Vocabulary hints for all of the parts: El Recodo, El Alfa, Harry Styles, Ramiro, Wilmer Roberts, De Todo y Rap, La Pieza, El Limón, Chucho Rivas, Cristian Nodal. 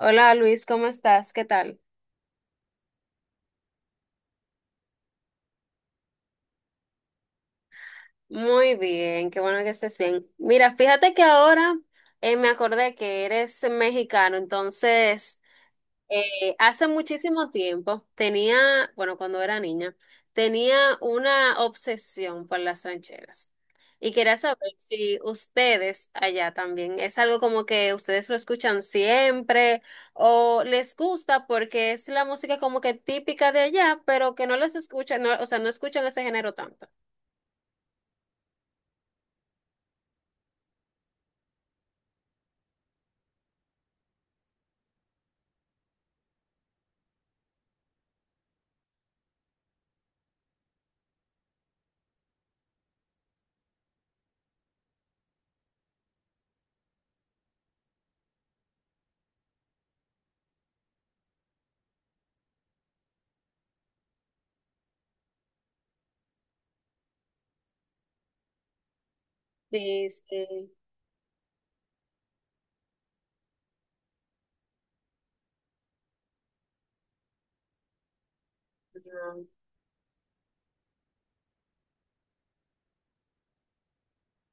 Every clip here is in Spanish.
Hola Luis, ¿cómo estás? ¿Qué tal? Muy bien, qué bueno que estés bien. Mira, fíjate que ahora me acordé que eres mexicano, entonces hace muchísimo tiempo tenía, bueno, cuando era niña, tenía una obsesión por las rancheras. Y quería saber si ustedes allá también es algo como que ustedes lo escuchan siempre o les gusta porque es la música como que típica de allá, pero que no les escuchan, o sea, no escuchan ese género tanto. Sí, sí. Ah.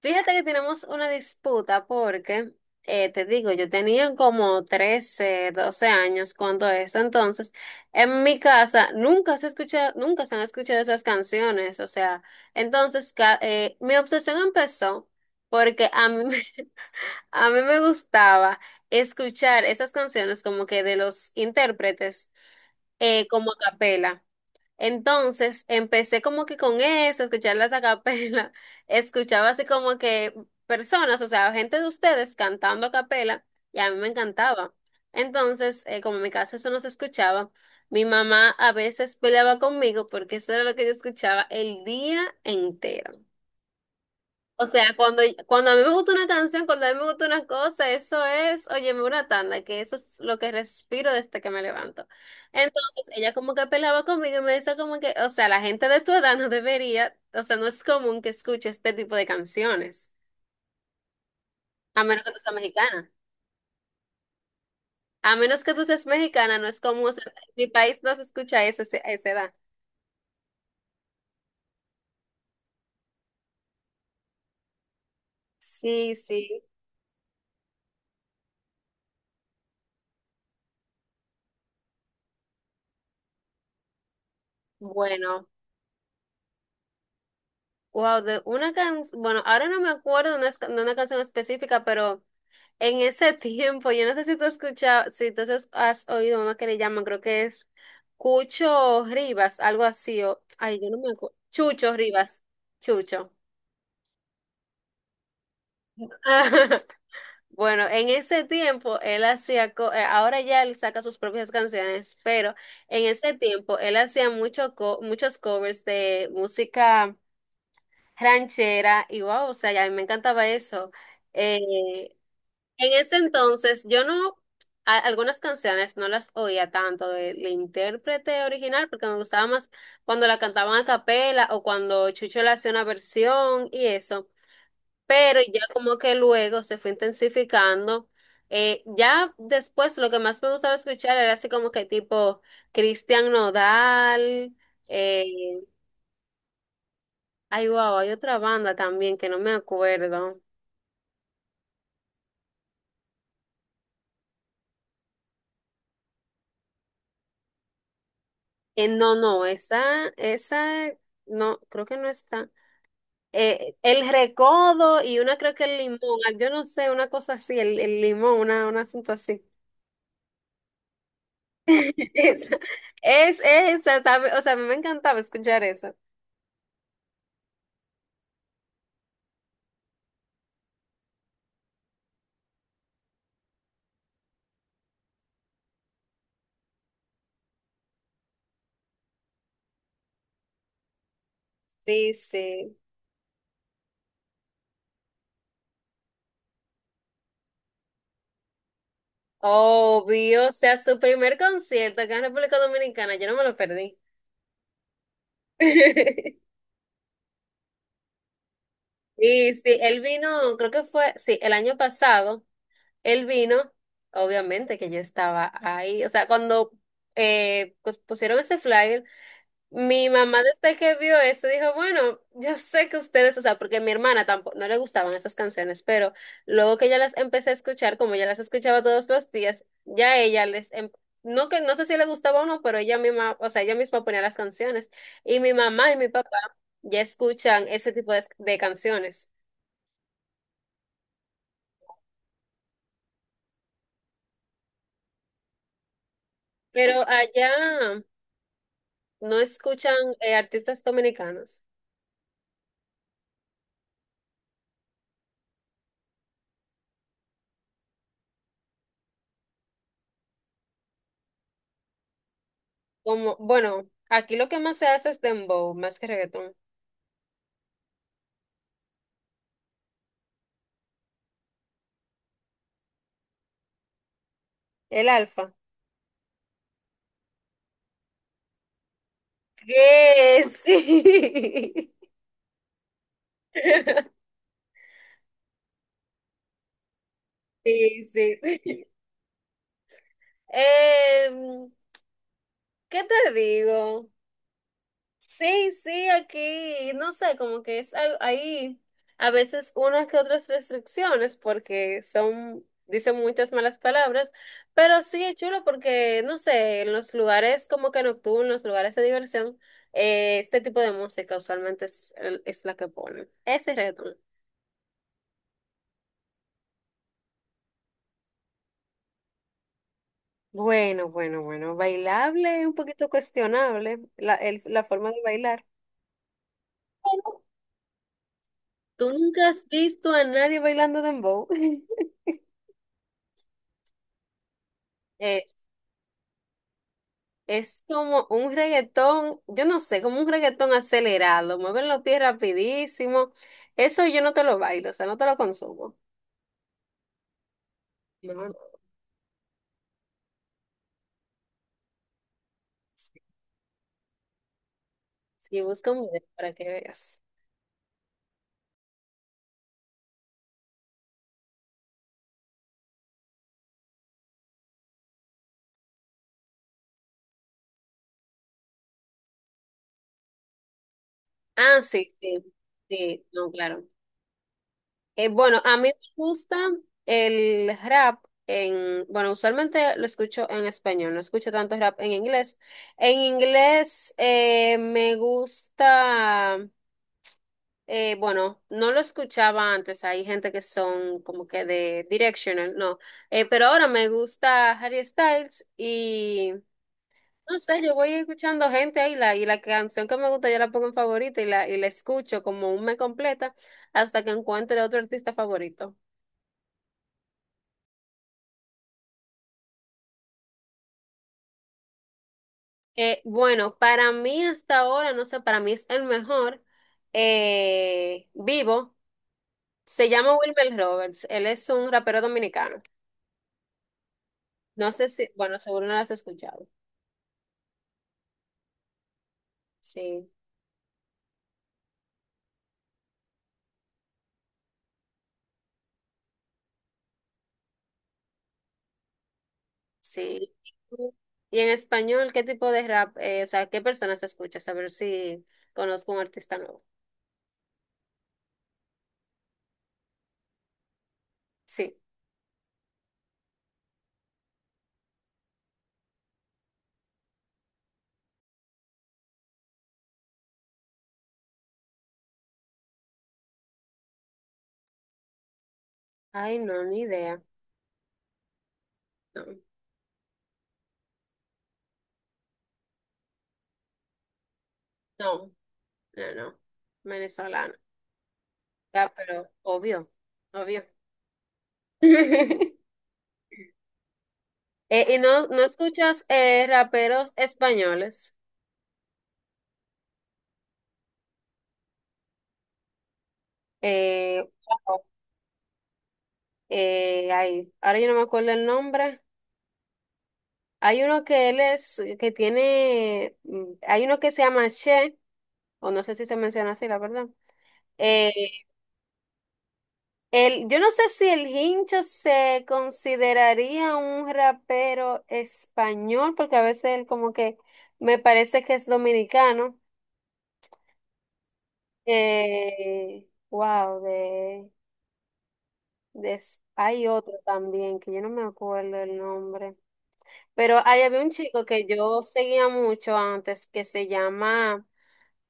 Fíjate que tenemos una disputa porque, te digo, yo tenía como 13 12 años cuando eso, entonces en mi casa nunca se escucha, nunca se han escuchado esas canciones, o sea, entonces mi obsesión empezó porque a mí, a mí me gustaba escuchar esas canciones como que de los intérpretes como a capela. Entonces empecé como que con eso, escuchar las acapela, escuchaba así como que personas, o sea, gente de ustedes cantando a capela y a mí me encantaba. Entonces, como en mi casa eso no se escuchaba, mi mamá a veces peleaba conmigo porque eso era lo que yo escuchaba el día entero. O sea, cuando a mí me gusta una canción, cuando a mí me gusta una cosa, eso es, óyeme, una tanda, que eso es lo que respiro desde que me levanto. Entonces, ella como que pelaba conmigo y me decía como que, o sea, la gente de tu edad no debería, o sea, no es común que escuche este tipo de canciones, a menos que tú seas mexicana. A menos que tú seas mexicana, no es común, o sea, en mi país no se escucha a esa edad. Sí, sí. Bueno, wow, de una canción, bueno, ahora no me acuerdo de una canción específica, pero... En ese tiempo, yo no sé si tú has escuchado, si tú has oído uno que le llaman, creo que es Cucho Rivas, algo así, o, ay, yo no me acuerdo, Chucho Rivas, Chucho. Bueno, en ese tiempo él hacía, ahora ya él saca sus propias canciones, pero en ese tiempo él hacía mucho muchos covers de música ranchera y wow, o sea, ya a mí me encantaba eso. Eh, En ese entonces, yo no, algunas canciones no las oía tanto del intérprete original porque me gustaba más cuando la cantaban a capela o cuando Chucho le hacía una versión y eso. Pero ya como que luego se fue intensificando. Ya después lo que más me gustaba escuchar era así como que tipo Cristian Nodal. Eh, ay, wow, hay otra banda también que no me acuerdo. No, no, esa, no, creo que no está. El recodo y una creo que el limón, ah, yo no sé, una cosa así, el limón, una, un asunto así. Esa, es esa, ¿sabe? O sea, a mí me encantaba escuchar eso. Sí, sí. Obvio, o sea, su primer concierto acá en República Dominicana, yo no me lo perdí. Y sí, él vino, creo que fue, sí, el año pasado. Él vino, obviamente que yo estaba ahí, o sea, cuando pues pusieron ese flyer, mi mamá desde que vio eso dijo, bueno, yo sé que ustedes, o sea, porque mi hermana tampoco, no le gustaban esas canciones, pero luego que ya las empecé a escuchar, como ya las escuchaba todos los días, ya ella les, no que no sé si le gustaba o no, pero ella misma, o sea, ella misma ponía las canciones y mi mamá y mi papá ya escuchan ese tipo de canciones. Pero allá, no escuchan artistas dominicanos. Como, bueno, aquí lo que más se hace es dembow, más que reggaetón. El Alfa. ¿Qué? Sí. Sí, sí, sí. Em, ¿qué te digo? Sí, sí, aquí, no sé, como que es ahí a veces unas que otras restricciones porque son, dicen muchas malas palabras, pero sí es chulo porque, no sé, en los lugares como que nocturnos, lugares de diversión, este tipo de música usualmente es, es la que ponen. Ese reggaetón. Bueno, bueno, bueno, bailable, un poquito cuestionable la, la forma de bailar. Pero ¿tú nunca has visto a nadie bailando dembow? eh, Es como un reggaetón, yo no sé, como un reggaetón acelerado, mueven los pies rapidísimo. Eso yo no te lo bailo, o sea, no te lo consumo. No, no. Sí, busca un video para que veas. Ah, sí, sí, sí, no, claro. Bueno, a mí me gusta el rap en, bueno, usualmente lo escucho en español, no escucho tanto rap en inglés. En inglés me gusta. Bueno, no lo escuchaba antes. Hay gente que son como que de Directional, no. Pero ahora me gusta Harry Styles y no sé, yo voy escuchando gente ahí la, y la canción que me gusta yo la pongo en favorita y la escucho como un me completa hasta que encuentre otro artista favorito. Bueno, para mí hasta ahora, no sé, para mí es el mejor vivo. Se llama Wilmer Roberts. Él es un rapero dominicano. No sé si, bueno, seguro no lo has escuchado. Sí. Sí. Y en español, ¿qué tipo de rap, o sea, qué personas escuchas? A ver si conozco un artista nuevo. Sí. Ay, no, ni idea. No, no, no, no. Venezolano. Ya, pero obvio, obvio. ¿Y no, no escuchas raperos españoles? Eh, wow, ay, ahora yo no me acuerdo el nombre. Hay uno que él es, que tiene, hay uno que se llama Che, o no sé si se menciona así, la verdad. Eh, el, yo no sé si el Hincho se consideraría un rapero español, porque a veces él como que me parece que es dominicano. Wow, de, hay otro también que yo no me acuerdo el nombre. Pero ahí había un chico que yo seguía mucho antes que se llama,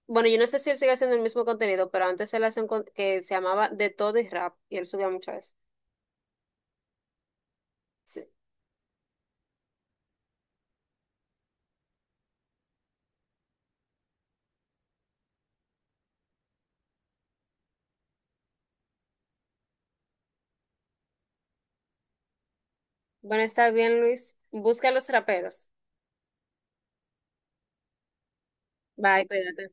bueno, yo no sé si él sigue haciendo el mismo contenido, pero antes él hacía un que se llamaba De Todo y Rap y él subía mucho eso. Bueno, está bien, Luis. Busca a los raperos. Bye, cuídate.